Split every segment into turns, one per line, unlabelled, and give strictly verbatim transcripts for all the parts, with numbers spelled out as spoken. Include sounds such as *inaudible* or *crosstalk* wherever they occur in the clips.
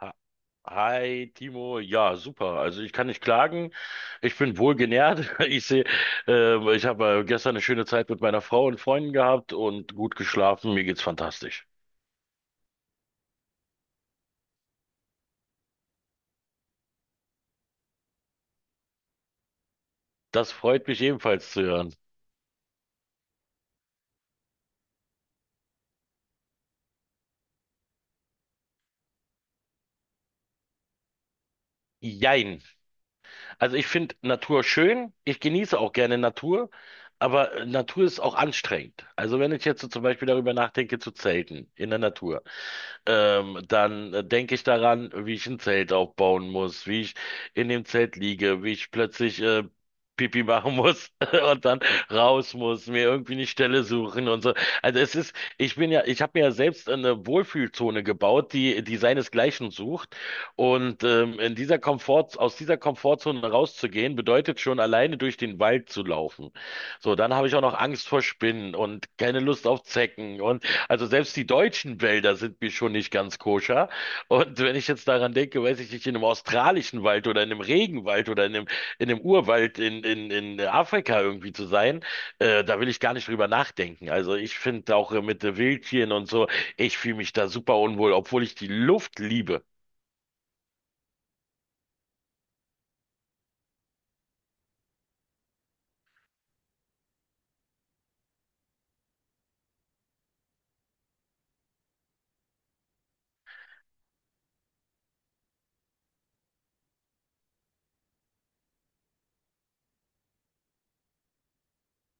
Ha- Hi Timo, ja super. Also ich kann nicht klagen. Ich bin wohlgenährt. *laughs* Ich sehe, äh, ich habe äh, gestern eine schöne Zeit mit meiner Frau und Freunden gehabt und gut geschlafen. Mir geht's fantastisch. Das freut mich ebenfalls zu hören. Jein. Also ich finde Natur schön. Ich genieße auch gerne Natur, aber äh, Natur ist auch anstrengend. Also wenn ich jetzt so zum Beispiel darüber nachdenke zu zelten in der Natur. Ähm, dann äh, denke ich daran, wie ich ein Zelt aufbauen muss, wie ich in dem Zelt liege, wie ich plötzlich äh, Pipi machen muss *laughs* und dann raus muss, mir irgendwie eine Stelle suchen und so. Also es ist, ich bin ja, ich habe mir ja selbst eine Wohlfühlzone gebaut, die, die seinesgleichen sucht. Und ähm, in dieser Komfort, aus dieser Komfortzone rauszugehen, bedeutet schon alleine durch den Wald zu laufen. So, dann habe ich auch noch Angst vor Spinnen und keine Lust auf Zecken. Und also selbst die deutschen Wälder sind mir schon nicht ganz koscher. Und wenn ich jetzt daran denke, weiß ich nicht, in einem australischen Wald oder in einem Regenwald oder in einem, in einem Urwald in, in, in Afrika irgendwie zu sein, äh, da will ich gar nicht drüber nachdenken. Also ich finde auch äh, mit äh, Wildtieren und so, ich fühle mich da super unwohl, obwohl ich die Luft liebe.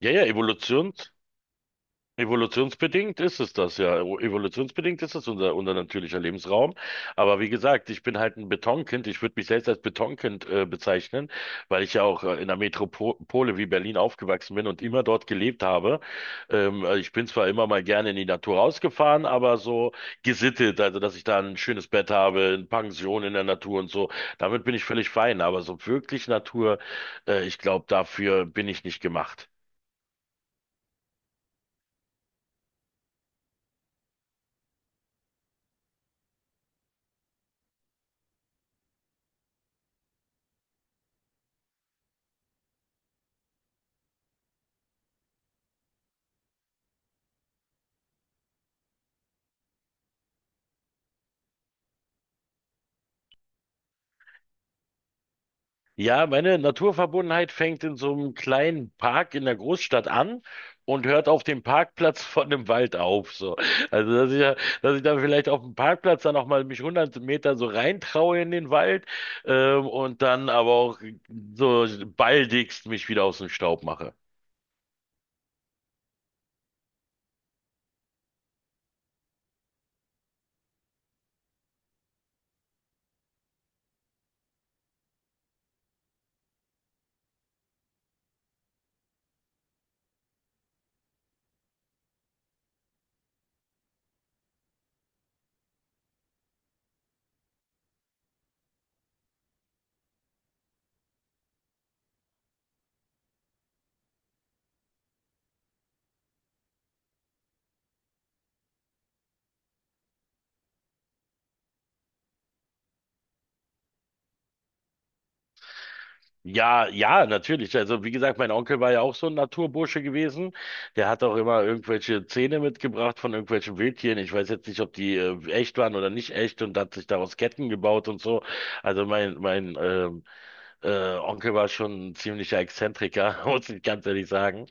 Ja, ja, Evolution, Evolutionsbedingt ist es das ja. Evo- Evolutionsbedingt ist es unser, unser natürlicher Lebensraum. Aber wie gesagt, ich bin halt ein Betonkind. Ich würde mich selbst als Betonkind äh, bezeichnen, weil ich ja auch äh, in einer Metropole wie Berlin aufgewachsen bin und immer dort gelebt habe. Ähm, also ich bin zwar immer mal gerne in die Natur rausgefahren, aber so gesittet, also dass ich da ein schönes Bett habe, eine Pension in der Natur und so, damit bin ich völlig fein. Aber so wirklich Natur, äh, ich glaube, dafür bin ich nicht gemacht. Ja, meine Naturverbundenheit fängt in so einem kleinen Park in der Großstadt an und hört auf dem Parkplatz *laughs* von einem Wald auf. So. Also, dass ich, ja- dass ich dann vielleicht auf dem Parkplatz dann auch mal mich hundert Meter so reintraue in den Wald ähm, und dann aber auch so baldigst mich wieder aus dem Staub mache. Ja, ja, natürlich. Also wie gesagt, mein Onkel war ja auch so ein Naturbursche gewesen. Der hat auch immer irgendwelche Zähne mitgebracht von irgendwelchen Wildtieren. Ich weiß jetzt nicht, ob die äh, echt waren oder nicht echt und hat sich daraus Ketten gebaut und so. Also mein mein ähm, äh, Onkel war schon ein ziemlicher Exzentriker, *laughs* muss ich ganz ehrlich sagen.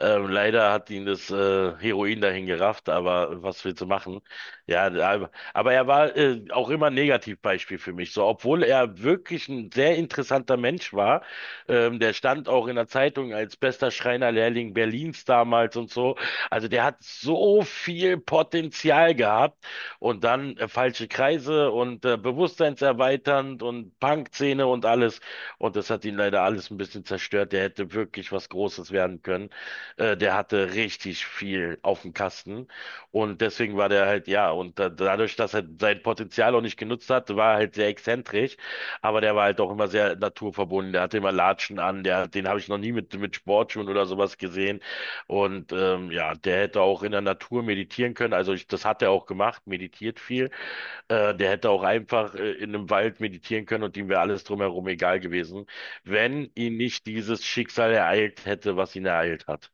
Ähm, leider hat ihn das äh, Heroin dahin gerafft, aber was willst du machen? Ja, aber aber er war äh, auch immer ein Negativbeispiel für mich. So, obwohl er wirklich ein sehr interessanter Mensch war, ähm, der stand auch in der Zeitung als bester Schreinerlehrling Berlins damals und so. Also der hat so viel Potenzial gehabt und dann äh, falsche Kreise und äh, bewusstseinserweiternd und Punkszene und alles. Und das hat ihn leider alles ein bisschen zerstört. Der hätte wirklich was Großes werden können. Äh, der hatte richtig viel auf dem Kasten. Und deswegen war der halt, ja, und da, dadurch, dass er sein Potenzial auch nicht genutzt hat, war er halt sehr exzentrisch. Aber der war halt auch immer sehr naturverbunden. Der hatte immer Latschen an. Der, den habe ich noch nie mit, mit Sportschuhen oder sowas gesehen. Und ähm, ja, der hätte auch in der Natur meditieren können. Also ich, das hat er auch gemacht, meditiert viel. Äh, der hätte auch einfach äh, in einem Wald meditieren können und ihm wäre alles drumherum egal gewesen, wenn ihn nicht dieses Schicksal ereilt hätte, was ihn ereilt hat.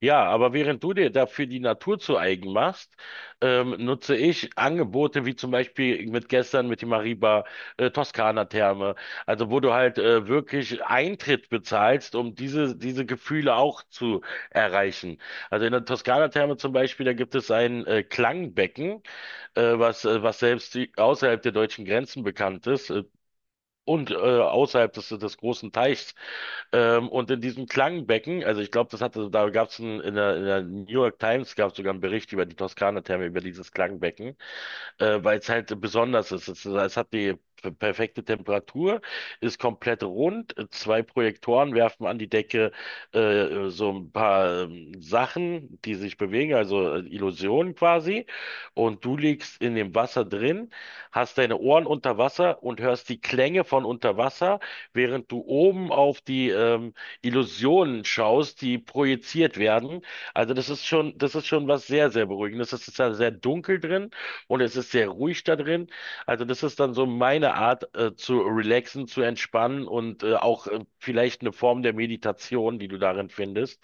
Ja, aber während du dir dafür die Natur zu eigen machst, ähm, nutze ich Angebote wie zum Beispiel mit gestern mit die Mariba äh, Toskana-Therme, also wo du halt äh, wirklich Eintritt bezahlst, um diese diese Gefühle auch zu erreichen. Also in der Toskana-Therme zum Beispiel, da gibt es ein äh, Klangbecken. äh, was, äh, was selbst die, außerhalb der deutschen Grenzen bekannt ist äh, und äh, außerhalb des, des großen Teichs. Ähm, und in diesem Klangbecken, also ich glaube, das hatte, da gab es in der, in der New York Times gab es sogar einen Bericht über die Toskana-Therme, über dieses Klangbecken äh, weil es halt besonders ist. Es, es hat die p- perfekte Temperatur, ist komplett rund. äh, Zwei Projektoren werfen an die Decke äh, so ein paar ähm, Sachen, die sich bewegen, also äh, Illusionen quasi. Und du liegst in dem Wasser drin, hast deine Ohren unter Wasser und hörst die Klänge von unter Wasser, während du oben auf die ähm, Illusionen schaust, die projiziert werden. Also das ist schon, das ist schon was sehr, sehr Beruhigendes. Es ist ja sehr dunkel drin. Und es ist sehr ruhig da drin. Also das ist dann so meine Art, äh, zu relaxen, zu entspannen und äh, auch äh, vielleicht eine Form der Meditation, die du darin findest.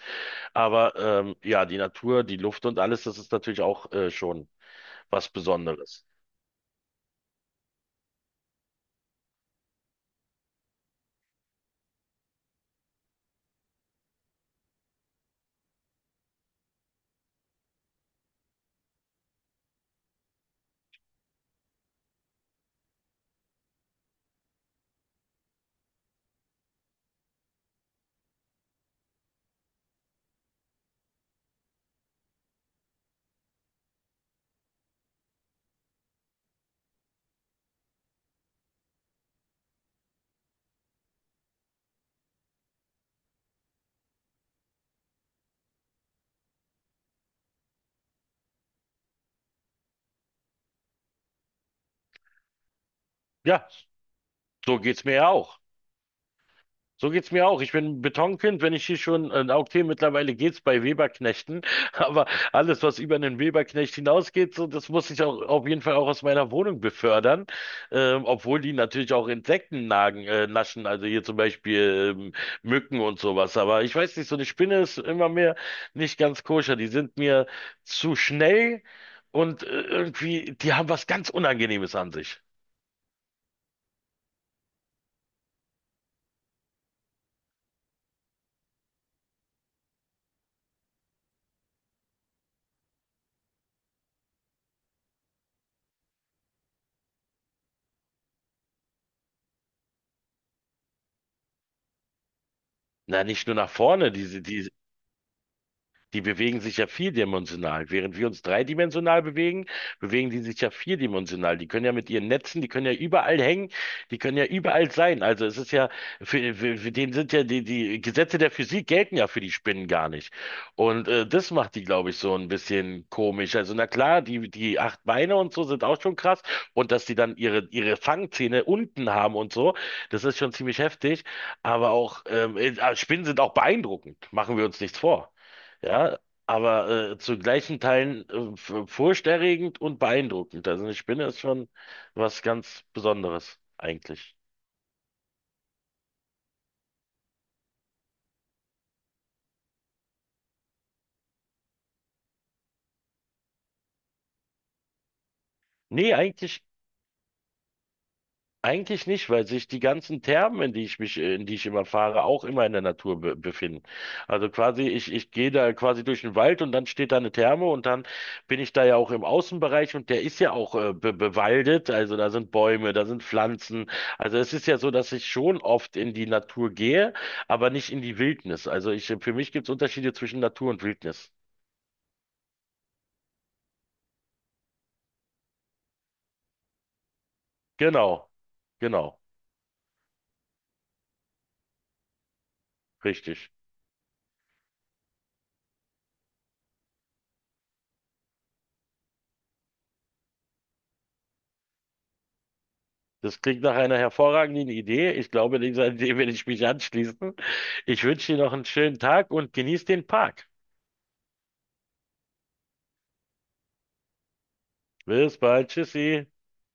Aber ähm, ja, die Natur, die Luft und alles, das ist natürlich auch äh, schon was Besonderes. Ja, so geht's mir ja auch. So geht's mir auch. Ich bin ein Betonkind, wenn ich hier schon, äh, okay, mittlerweile geht's bei Weberknechten, *laughs* aber alles, was über einen Weberknecht hinausgeht, so, das muss ich auch auf jeden Fall auch aus meiner Wohnung befördern, ähm, obwohl die natürlich auch Insekten nagen, äh, naschen, also hier zum Beispiel ähm, Mücken und sowas. Aber ich weiß nicht, so eine Spinne ist immer mehr nicht ganz koscher. Die sind mir zu schnell und äh, irgendwie, die haben was ganz Unangenehmes an sich. Na, nicht nur nach vorne, die, die Die bewegen sich ja vierdimensional. Während wir uns dreidimensional bewegen, bewegen die sich ja vierdimensional. Die können ja mit ihren Netzen, die können ja überall hängen, die können ja überall sein. Also es ist ja, für, für, für den sind ja die, die Gesetze der Physik gelten ja für die Spinnen gar nicht. Und äh, das macht die, glaube ich, so ein bisschen komisch. Also na klar, die, die acht Beine und so sind auch schon krass. Und dass die dann ihre, ihre Fangzähne unten haben und so, das ist schon ziemlich heftig. Aber auch, ähm, äh, Spinnen sind auch beeindruckend. Machen wir uns nichts vor. Ja, aber äh, zu gleichen Teilen äh, f- furchterregend und beeindruckend. Also eine Spinne ist schon was ganz Besonderes eigentlich. Nee, eigentlich Eigentlich nicht, weil sich die ganzen Thermen, in die ich mich, in die ich immer fahre, auch immer in der Natur be befinden. Also quasi, ich, ich gehe da quasi durch den Wald und dann steht da eine Therme und dann bin ich da ja auch im Außenbereich und der ist ja auch äh, be bewaldet. Also da sind Bäume, da sind Pflanzen. Also es ist ja so, dass ich schon oft in die Natur gehe, aber nicht in die Wildnis. Also ich, für mich gibt es Unterschiede zwischen Natur und Wildnis. Genau, genau, richtig. Das klingt nach einer hervorragenden Idee. Ich glaube, dieser Idee werde ich mich anschließen. Ich wünsche dir noch einen schönen Tag und genieß den Park. Bis bald. Tschüssi.